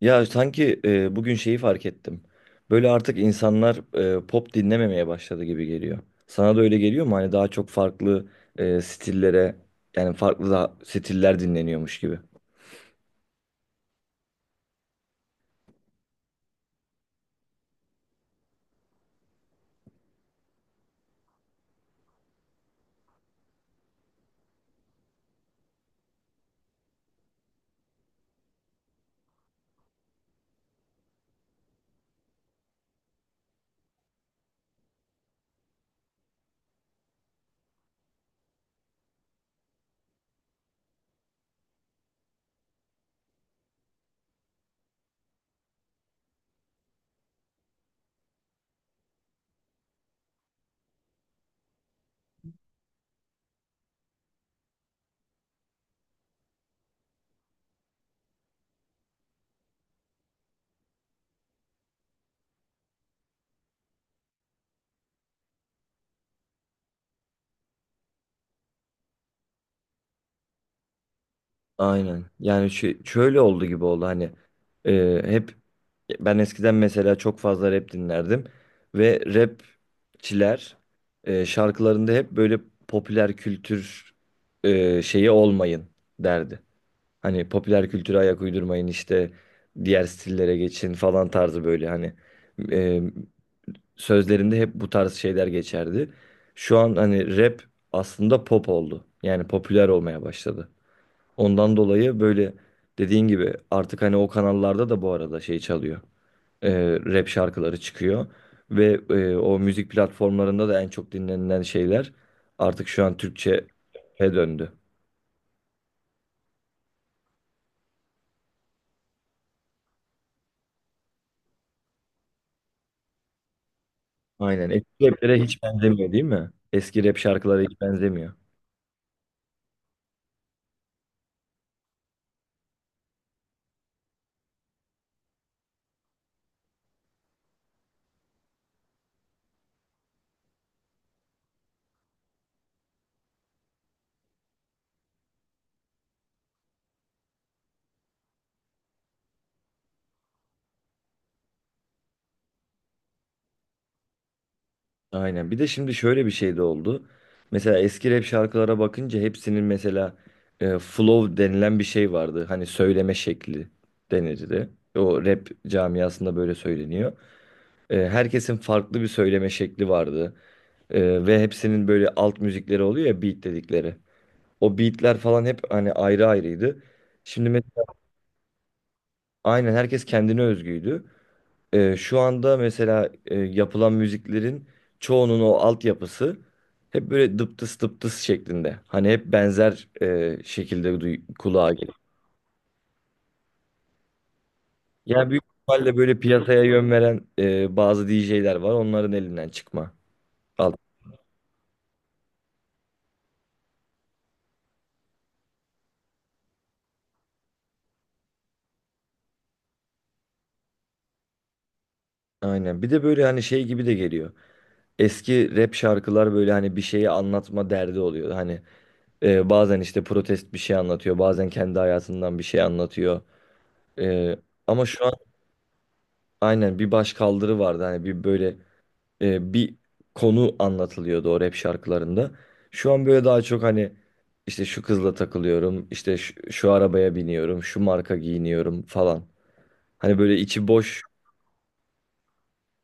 Ya sanki bugün şeyi fark ettim. Böyle artık insanlar pop dinlememeye başladı gibi geliyor. Sana da öyle geliyor mu? Hani daha çok farklı stillere yani farklı da stiller dinleniyormuş gibi. Aynen. Yani şöyle oldu gibi oldu hani e, hep ben eskiden mesela çok fazla rap dinlerdim ve rapçiler şarkılarında hep böyle popüler kültür şeyi olmayın derdi. Hani popüler kültüre ayak uydurmayın işte diğer stillere geçin falan tarzı böyle hani e, sözlerinde hep bu tarz şeyler geçerdi. Şu an hani rap aslında pop oldu. Yani popüler olmaya başladı. Ondan dolayı böyle dediğin gibi artık hani o kanallarda da bu arada şey çalıyor, e, rap şarkıları çıkıyor. Ve o müzik platformlarında da en çok dinlenilen şeyler artık şu an Türkçe'ye döndü. Aynen. Eski raplere hiç benzemiyor değil mi? Eski rap şarkılara hiç benzemiyor. Aynen. Bir de şimdi şöyle bir şey de oldu. Mesela eski rap şarkılara bakınca hepsinin mesela flow denilen bir şey vardı. Hani söyleme şekli denirdi. O rap camiasında böyle söyleniyor. Herkesin farklı bir söyleme şekli vardı. Ve hepsinin böyle alt müzikleri oluyor ya, beat dedikleri. O beatler falan hep hani ayrı ayrıydı. Şimdi mes- aynen, herkes kendine özgüydü. Şu anda mesela yapılan müziklerin çoğunun o altyapısı hep böyle dıptıs dıptıs şeklinde. Hani hep benzer şekilde kulağa geliyor. Yani büyük ihtimalle böyle piyasaya yön veren bazı DJ'ler var. Onların elinden çıkma. Alt. Aynen. Bir de böyle hani şey gibi de geliyor. Eski rap şarkılar böyle hani bir şeyi anlatma derdi oluyor. Hani bazen işte protest bir şey anlatıyor, bazen kendi hayatından bir şey anlatıyor. E, Ama şu an aynen, bir baş kaldırı vardı. Hani bir böyle bir konu anlatılıyordu o rap şarkılarında. Şu an böyle daha çok hani işte şu kızla takılıyorum, işte şu arabaya biniyorum, şu marka giyiniyorum falan. Hani böyle içi boş,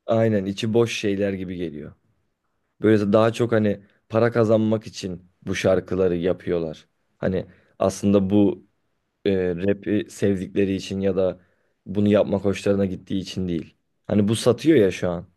aynen içi boş şeyler gibi geliyor. Böyle daha çok hani para kazanmak için bu şarkıları yapıyorlar. Hani aslında bu rap'i sevdikleri için ya da bunu yapmak hoşlarına gittiği için değil. Hani bu satıyor ya şu an.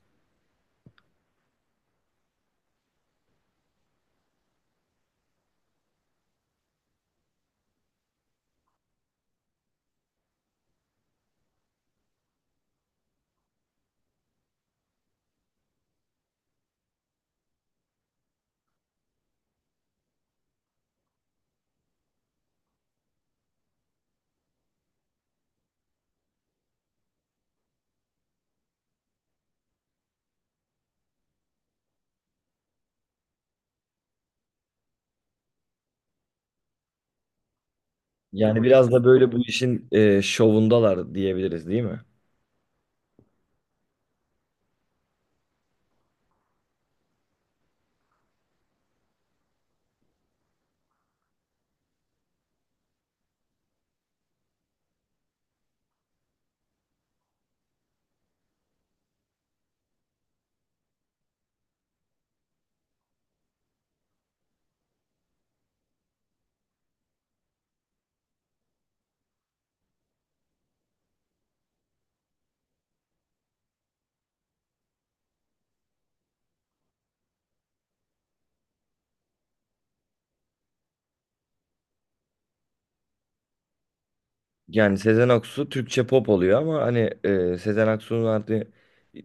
Yani biraz da böyle bu işin şovundalar diyebiliriz değil mi? Yani Sezen Aksu Türkçe pop oluyor ama hani Sezen Aksu'nun artık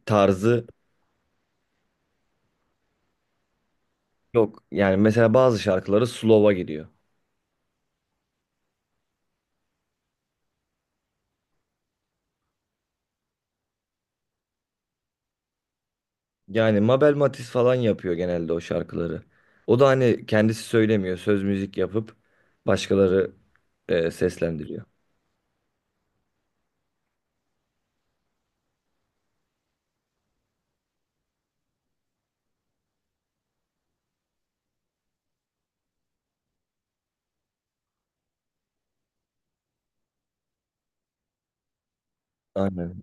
tarzı yok. Yani mesela bazı şarkıları slow'a giriyor. Yani Mabel Matiz falan yapıyor genelde o şarkıları. O da hani kendisi söylemiyor. Söz müzik yapıp başkaları seslendiriyor. Aynen.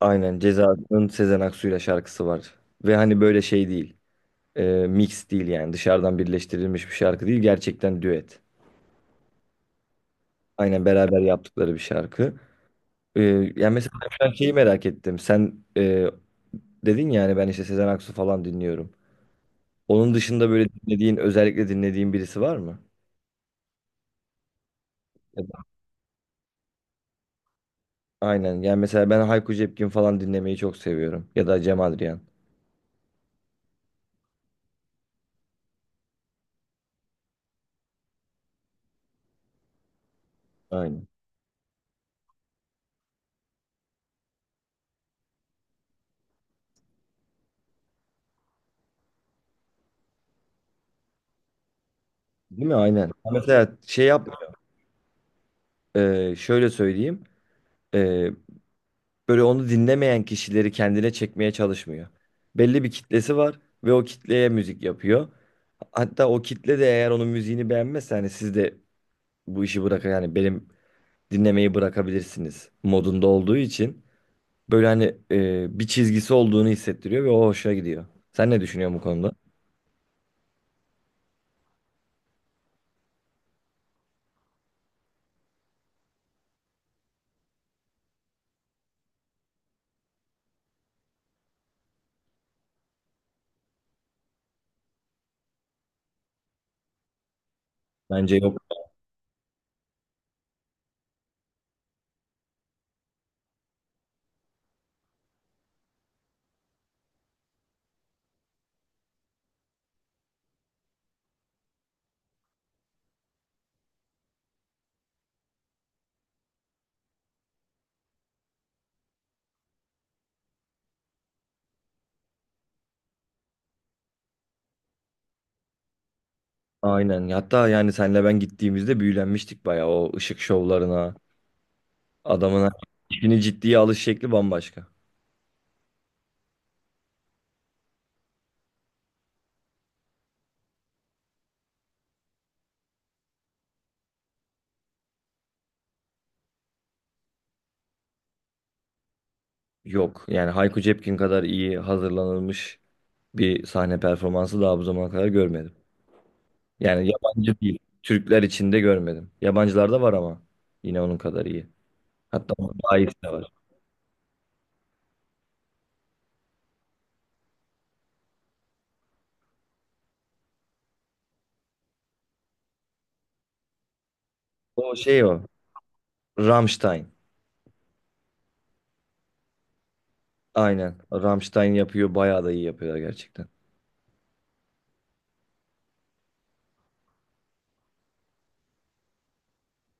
Aynen. Ceza'nın Sezen Aksu'yla şarkısı var. Ve hani böyle şey değil. Mix değil yani. Dışarıdan birleştirilmiş bir şarkı değil. Gerçekten düet. Aynen, beraber yaptıkları bir şarkı. E, Yani mesela ben şeyi merak ettim. Sen dedin ya hani ben işte Sezen Aksu falan dinliyorum. Onun dışında böyle dinlediğin, özellikle dinlediğin birisi var mı? Aynen. Yani mesela ben Hayko Cepkin falan dinlemeyi çok seviyorum. Ya da Cem Adrian. Aynen. Değil mi? Aynen. Mesela şey yap, şöyle söyleyeyim. E, Böyle onu dinlemeyen kişileri kendine çekmeye çalışmıyor. Belli bir kitlesi var ve o kitleye müzik yapıyor. Hatta o kitle de eğer onun müziğini beğenmezse, hani siz de bu işi bırakın yani benim dinlemeyi bırakabilirsiniz modunda olduğu için böyle hani bir çizgisi olduğunu hissettiriyor ve o hoşuna gidiyor. Sen ne düşünüyorsun bu konuda? Bence yok. Aynen. Hatta yani senle ben gittiğimizde büyülenmiştik bayağı o ışık şovlarına. Adamın işini ciddiye alış şekli bambaşka. Yok. Yani Hayko Cepkin kadar iyi hazırlanılmış bir sahne performansı daha bu zamana kadar görmedim. Yani yabancı değil, Türkler içinde görmedim. Yabancılarda var ama yine onun kadar iyi. Hatta daha iyisi de var. O şey o. Rammstein. Aynen. Rammstein yapıyor. Bayağı da iyi yapıyorlar gerçekten.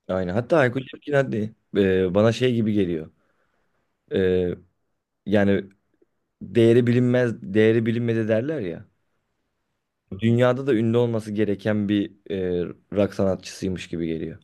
Aynen. Hatta Hayko Cepkin de bana şey gibi geliyor. E, Yani değeri bilinmez, değeri bilinmedi derler ya. Dünyada da ünlü olması gereken bir rock sanatçısıymış gibi geliyor.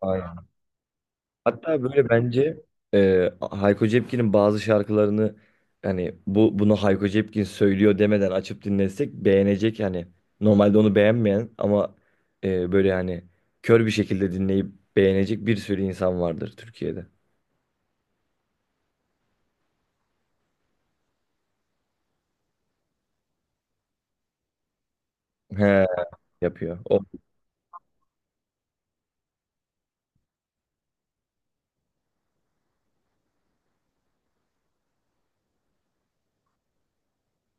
Aynen. Hatta böyle bence Hayko Cepkin'in bazı şarkılarını hani bunu Hayko Cepkin söylüyor demeden açıp dinlesek beğenecek yani, normalde onu beğenmeyen ama böyle yani kör bir şekilde dinleyip beğenecek bir sürü insan vardır Türkiye'de. He yapıyor. O,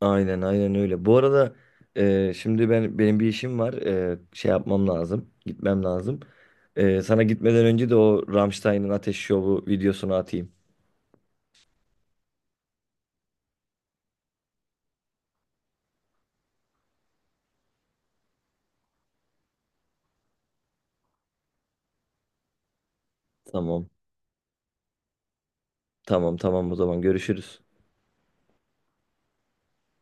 aynen aynen öyle. Bu arada şimdi ben benim bir işim var. Şey yapmam lazım. Gitmem lazım. Sana gitmeden önce de o Rammstein'ın Ateş Şovu videosunu atayım. Tamam. Tamam tamam, o zaman görüşürüz.